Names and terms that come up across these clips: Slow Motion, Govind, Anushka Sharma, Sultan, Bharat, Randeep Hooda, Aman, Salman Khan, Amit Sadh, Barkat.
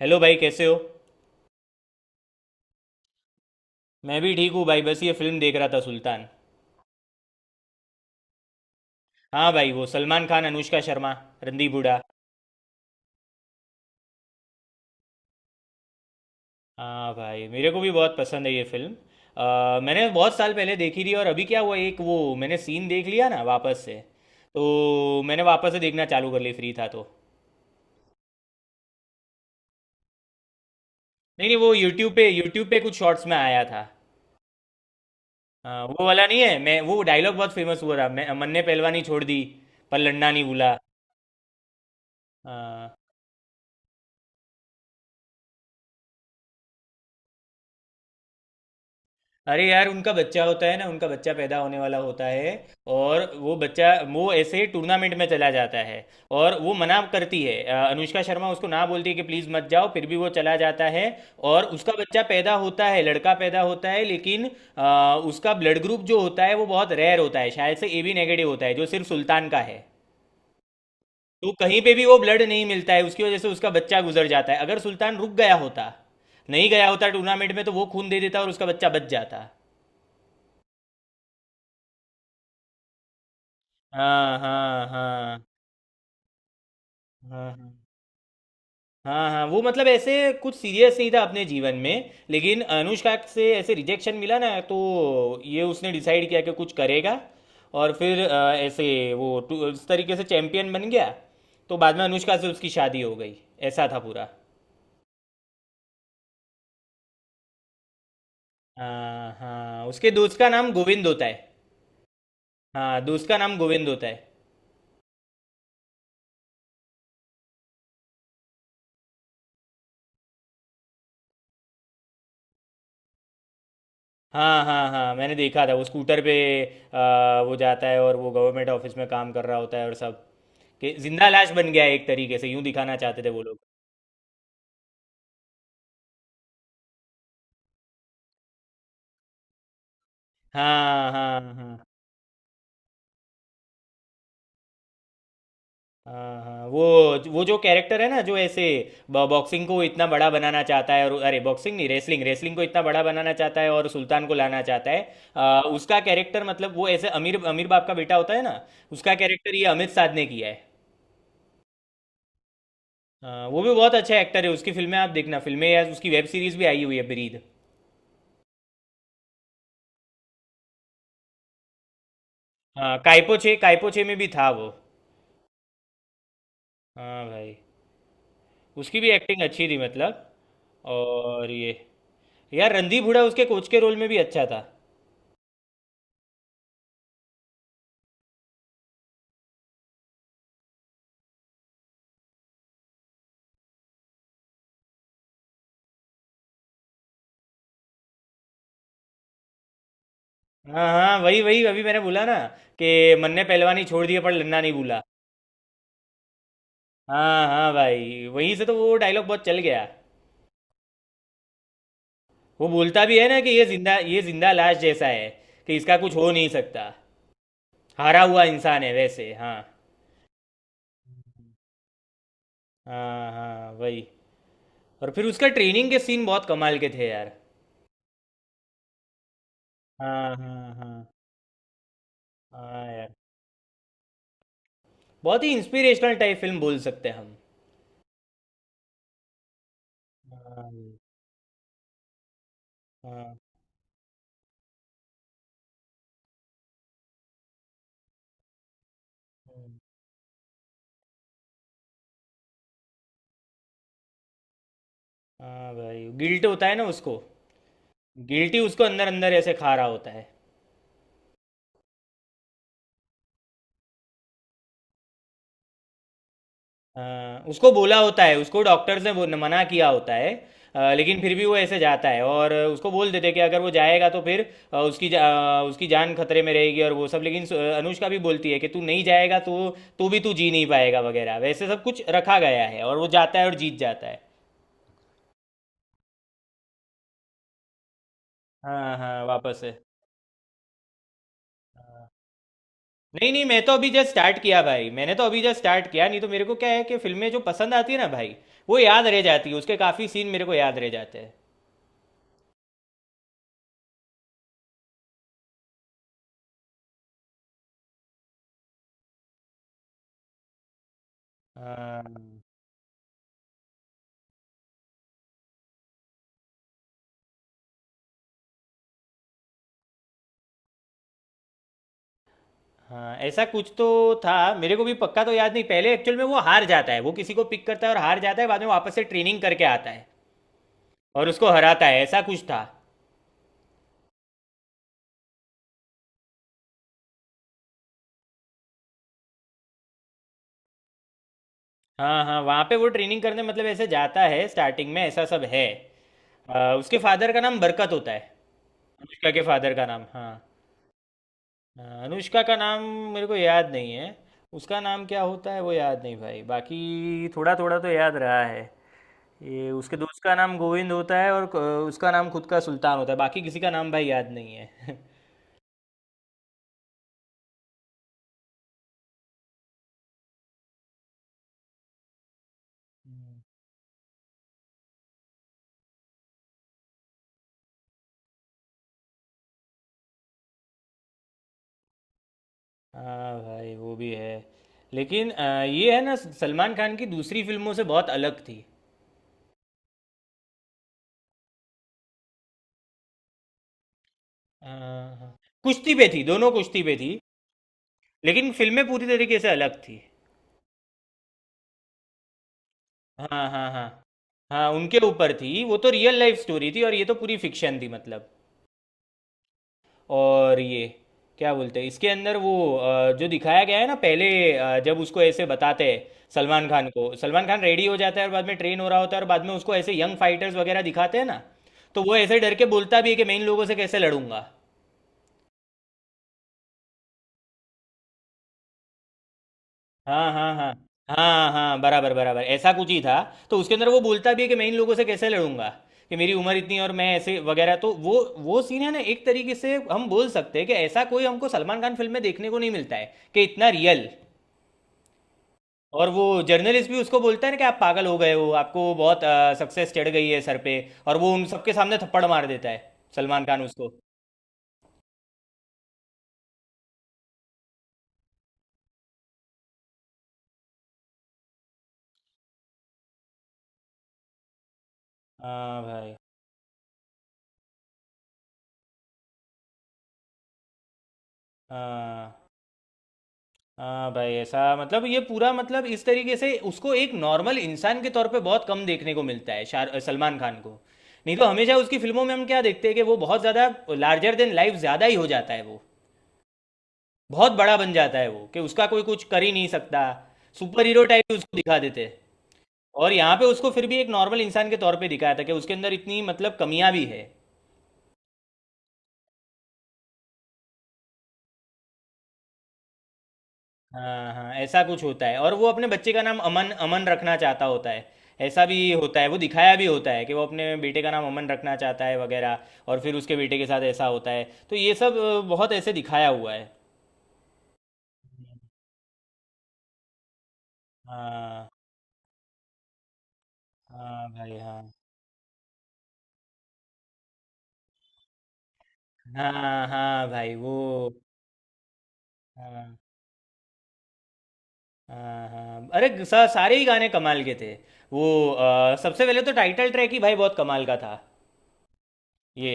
Hello भाई, कैसे हो? मैं भी ठीक हूँ भाई। बस ये फिल्म देख रहा था, सुल्तान। हाँ भाई, वो सलमान खान, अनुष्का शर्मा, रणदीप हुडा। हाँ भाई, मेरे को भी बहुत पसंद है ये फिल्म। मैंने बहुत साल पहले देखी थी, और अभी क्या हुआ, एक वो मैंने सीन देख लिया ना वापस से। तो मैंने वापस से देखना चालू कर ली, फ्री था तो। नहीं नहीं, वो यूट्यूब पे कुछ शॉर्ट्स में आया था। हाँ, वो वाला नहीं है। मैं वो डायलॉग बहुत फेमस हुआ था, मैं मन ने पहलवानी छोड़ दी, पर लड़ना नहीं भूला। हाँ। अरे यार, उनका बच्चा होता है ना, उनका बच्चा पैदा होने वाला होता है। और वो बच्चा, वो ऐसे टूर्नामेंट में चला जाता है। और वो मना करती है, अनुष्का शर्मा उसको ना बोलती है कि प्लीज़ मत जाओ, फिर भी वो चला जाता है। और उसका बच्चा पैदा होता है, लड़का पैदा होता है। लेकिन उसका ब्लड ग्रुप जो होता है वो बहुत रेयर होता है, शायद से AB नेगेटिव होता है, जो सिर्फ सुल्तान का है। तो कहीं पे भी वो ब्लड नहीं मिलता है, उसकी वजह से उसका बच्चा गुजर जाता है। अगर सुल्तान रुक गया होता, नहीं गया होता टूर्नामेंट में, तो वो खून दे देता और उसका बच्चा बच जाता। हाँ, हाँ, हाँ, हाँ, हाँ, हाँ। हाँ, वो मतलब ऐसे कुछ सीरियस नहीं था अपने जीवन में, लेकिन अनुष्का से ऐसे रिजेक्शन मिला ना तो। ये उसने डिसाइड किया कि कुछ करेगा। और फिर ऐसे वो उस तरीके से चैंपियन बन गया। तो बाद में अनुष्का से उसकी शादी हो गई। ऐसा था पूरा। हाँ हाँ, उसके दोस्त का नाम गोविंद होता है। हाँ, दोस्त का नाम गोविंद होता है। हाँ हाँ हाँ, मैंने देखा था वो स्कूटर पे वो जाता है, और वो गवर्नमेंट ऑफिस में काम कर रहा होता है और सब। कि जिंदा लाश बन गया है एक तरीके से, यूं दिखाना चाहते थे वो लोग। हाँ, हाँ, हाँ, हाँ, हाँ, वो जो कैरेक्टर है ना, जो ऐसे बॉक्सिंग को इतना बड़ा बनाना चाहता है। और अरे, बॉक्सिंग नहीं, रेसलिंग रेसलिंग को इतना बड़ा बनाना चाहता है और सुल्तान को लाना चाहता है। उसका कैरेक्टर मतलब, वो ऐसे अमीर अमीर बाप का बेटा होता है ना। उसका कैरेक्टर ये अमित साध ने किया है। हाँ, वो भी बहुत अच्छा एक्टर है। उसकी फिल्में आप देखना, फिल्में या उसकी वेब सीरीज भी आई हुई है, ब्रीद। हाँ, कायपोचे, कायपोचे में भी था वो। हाँ भाई, उसकी भी एक्टिंग अच्छी थी मतलब। और ये, यार रणदीप हुडा उसके कोच के रोल में भी अच्छा था। हाँ हाँ, वही वही, अभी मैंने बोला ना कि मन ने पहलवानी छोड़ दिया, पर लड़ना नहीं भूला। हाँ हाँ भाई, वहीं से तो वो डायलॉग बहुत चल गया। वो बोलता भी है ना कि ये जिंदा लाश जैसा है, कि इसका कुछ हो नहीं सकता, हारा हुआ इंसान है वैसे, हाँ। हाँ हाँ, वही। और फिर उसका ट्रेनिंग के सीन बहुत कमाल के थे यार। हाँ हाँ हाँ, हाँ यार, बहुत ही इंस्पिरेशनल टाइप फिल्म बोल सकते हैं हम। हाँ हाँ। हाँ। हाँ भाई, गिल्ट होता है ना उसको। गिल्टी उसको अंदर अंदर ऐसे खा रहा होता है। हाँ, उसको बोला होता है, उसको डॉक्टर्स ने मना किया होता है। लेकिन फिर भी वो ऐसे जाता है और उसको बोल देते हैं कि अगर वो जाएगा तो फिर अ, उसकी जा, उसकी जान खतरे में रहेगी और वो सब। लेकिन अनुष्का भी बोलती है कि तू नहीं जाएगा तो भी तू जी नहीं पाएगा वगैरह वैसे, सब कुछ रखा गया है, और वो जाता है और जीत जाता है। हाँ हाँ, वापस है। नहीं नहीं, मैं तो अभी जस्ट स्टार्ट किया भाई, मैंने तो अभी जस्ट स्टार्ट किया। नहीं तो मेरे को क्या है कि फिल्में जो पसंद आती है ना भाई, वो याद रह जाती है, उसके काफ़ी सीन मेरे को याद रह जाते हैं। हाँ हाँ, ऐसा कुछ तो था। मेरे को भी पक्का तो याद नहीं, पहले एक्चुअल में वो हार जाता है, वो किसी को पिक करता है और हार जाता है, बाद में वापस से ट्रेनिंग करके आता है और उसको हराता है। ऐसा कुछ था। हाँ हाँ, वहाँ पे वो ट्रेनिंग करने मतलब ऐसे जाता है स्टार्टिंग में, ऐसा सब है। उसके फादर का नाम बरकत होता है। अनुष्का के फादर का नाम, हाँ। हाँ, अनुष्का का नाम मेरे को याद नहीं है। उसका नाम क्या होता है वो याद नहीं भाई, बाकी थोड़ा थोड़ा तो याद रहा है। ये उसके दोस्त का नाम गोविंद होता है, और उसका नाम खुद का सुल्तान होता है। बाकी किसी का नाम भाई याद नहीं है। हाँ भाई, वो भी है। लेकिन ये है ना, सलमान खान की दूसरी फिल्मों से बहुत अलग थी। हाँ, हाँ। कुश्ती पे थी, दोनों कुश्ती पे थी। लेकिन फिल्में पूरी तरीके से अलग थी। हाँ हाँ हाँ हाँ। उनके ऊपर थी, वो तो रियल लाइफ स्टोरी थी, और ये तो पूरी फिक्शन थी मतलब। और ये, क्या बोलते हैं इसके अंदर वो जो दिखाया गया है ना पहले, जब उसको ऐसे बताते हैं सलमान खान को, सलमान खान रेडी हो जाता है और बाद में ट्रेन हो रहा होता है, और बाद में उसको ऐसे यंग फाइटर्स वगैरह दिखाते हैं ना। तो वो ऐसे डर के बोलता भी है कि मैं इन लोगों से कैसे लड़ूंगा। हाँ हाँ हाँ हाँ हाँ, बराबर बराबर, ऐसा कुछ ही था। तो उसके अंदर वो बोलता भी है कि मैं इन लोगों से कैसे लड़ूंगा, कि मेरी उम्र इतनी है और मैं ऐसे वगैरह। तो वो सीन है ना, एक तरीके से हम बोल सकते हैं कि ऐसा कोई हमको सलमान खान फिल्म में देखने को नहीं मिलता है, कि इतना रियल। और वो जर्नलिस्ट भी उसको बोलता है ना कि आप पागल हो गए हो, आपको बहुत सक्सेस चढ़ गई है सर पे। और वो उन सबके सामने थप्पड़ मार देता है, सलमान खान उसको। हाँ भाई। हाँ हाँ भाई, ऐसा मतलब ये पूरा मतलब, इस तरीके से उसको एक नॉर्मल इंसान के तौर पे बहुत कम देखने को मिलता है, शार सलमान खान को। नहीं तो हमेशा उसकी फिल्मों में हम क्या देखते हैं कि वो बहुत ज़्यादा, लार्जर देन लाइफ ज़्यादा ही हो जाता है वो। बहुत बड़ा बन जाता है वो, कि उसका कोई कुछ कर ही नहीं सकता। सुपर हीरो टाइप उसको दिखा देते हैं। और यहाँ पे उसको फिर भी एक नॉर्मल इंसान के तौर पे दिखाया था, कि उसके अंदर इतनी मतलब कमियां भी है। हाँ हाँ, ऐसा कुछ होता है, और वो अपने बच्चे का नाम अमन अमन रखना चाहता होता है। ऐसा भी होता है, वो दिखाया भी होता है कि वो अपने बेटे का नाम अमन रखना चाहता है वगैरह। और फिर उसके बेटे के साथ ऐसा होता है। तो ये सब बहुत ऐसे दिखाया हुआ है। हाँ हाँ भाई, हाँ। हाँ हाँ भाई, वो। हाँ हाँ हाँ, अरे सारे ही गाने कमाल के थे। वो सबसे पहले तो टाइटल ट्रैक ही भाई बहुत कमाल का था। ये,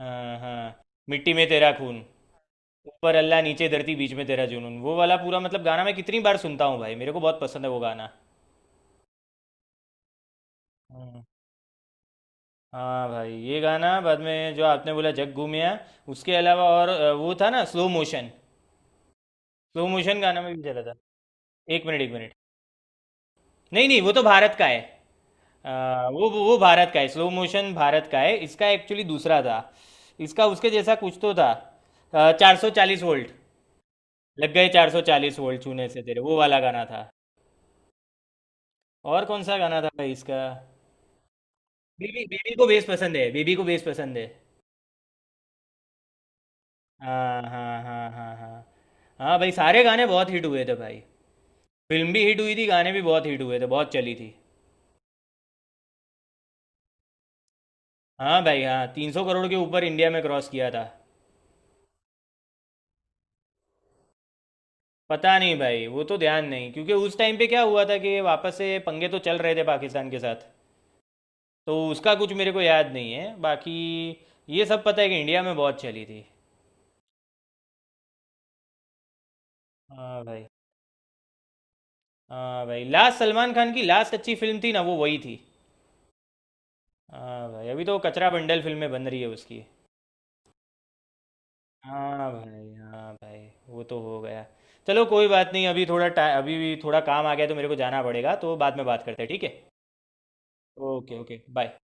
हाँ हाँ, मिट्टी में तेरा खून, ऊपर अल्लाह नीचे धरती बीच में तेरा जुनून, वो वाला पूरा मतलब गाना मैं कितनी बार सुनता हूँ भाई, मेरे को बहुत पसंद है वो गाना। हम्म, हाँ भाई, ये गाना बाद में जो आपने बोला, जग घूमिया, उसके अलावा और वो था ना, स्लो मोशन। स्लो मोशन गाना में भी चला था। एक मिनट, एक मिनट। नहीं नहीं, वो तो भारत का है। अ, वो भारत का है, स्लो मोशन भारत का है, इसका एक्चुअली दूसरा था। इसका उसके जैसा कुछ तो था। 440 वोल्ट। लग गए 440 वोल्ट छूने से तेरे, वो वाला गाना था। और कौन सा गाना था भाई इसका? बेबी, बेबी को बेस पसंद है, बेबी को बेस पसंद है। हाँ, हाँ, हाँ, हाँ, हाँ। हाँ भाई, सारे गाने बहुत हिट हुए थे भाई। फिल्म भी हिट हुई थी, गाने भी बहुत हिट हुए थे, बहुत चली थी। हाँ भाई, हाँ, 300 करोड़ के ऊपर इंडिया में क्रॉस किया था। पता नहीं भाई, वो तो ध्यान नहीं, क्योंकि उस टाइम पे क्या हुआ था कि वापस से पंगे तो चल रहे थे पाकिस्तान के साथ। तो उसका कुछ मेरे को याद नहीं है बाकी। ये सब पता है कि इंडिया में बहुत चली थी। हाँ भाई, हाँ भाई, लास्ट सलमान खान की लास्ट अच्छी फिल्म थी ना वो, वही थी। हाँ भाई, अभी तो कचरा बंडल फिल्में बन रही है उसकी। हाँ भाई, हाँ भाई, वो तो हो गया। चलो कोई बात नहीं, अभी थोड़ा टाइम, अभी भी थोड़ा काम आ गया तो मेरे को जाना पड़ेगा, तो बाद में बात करते हैं, ठीक है। Okay, okay, bye.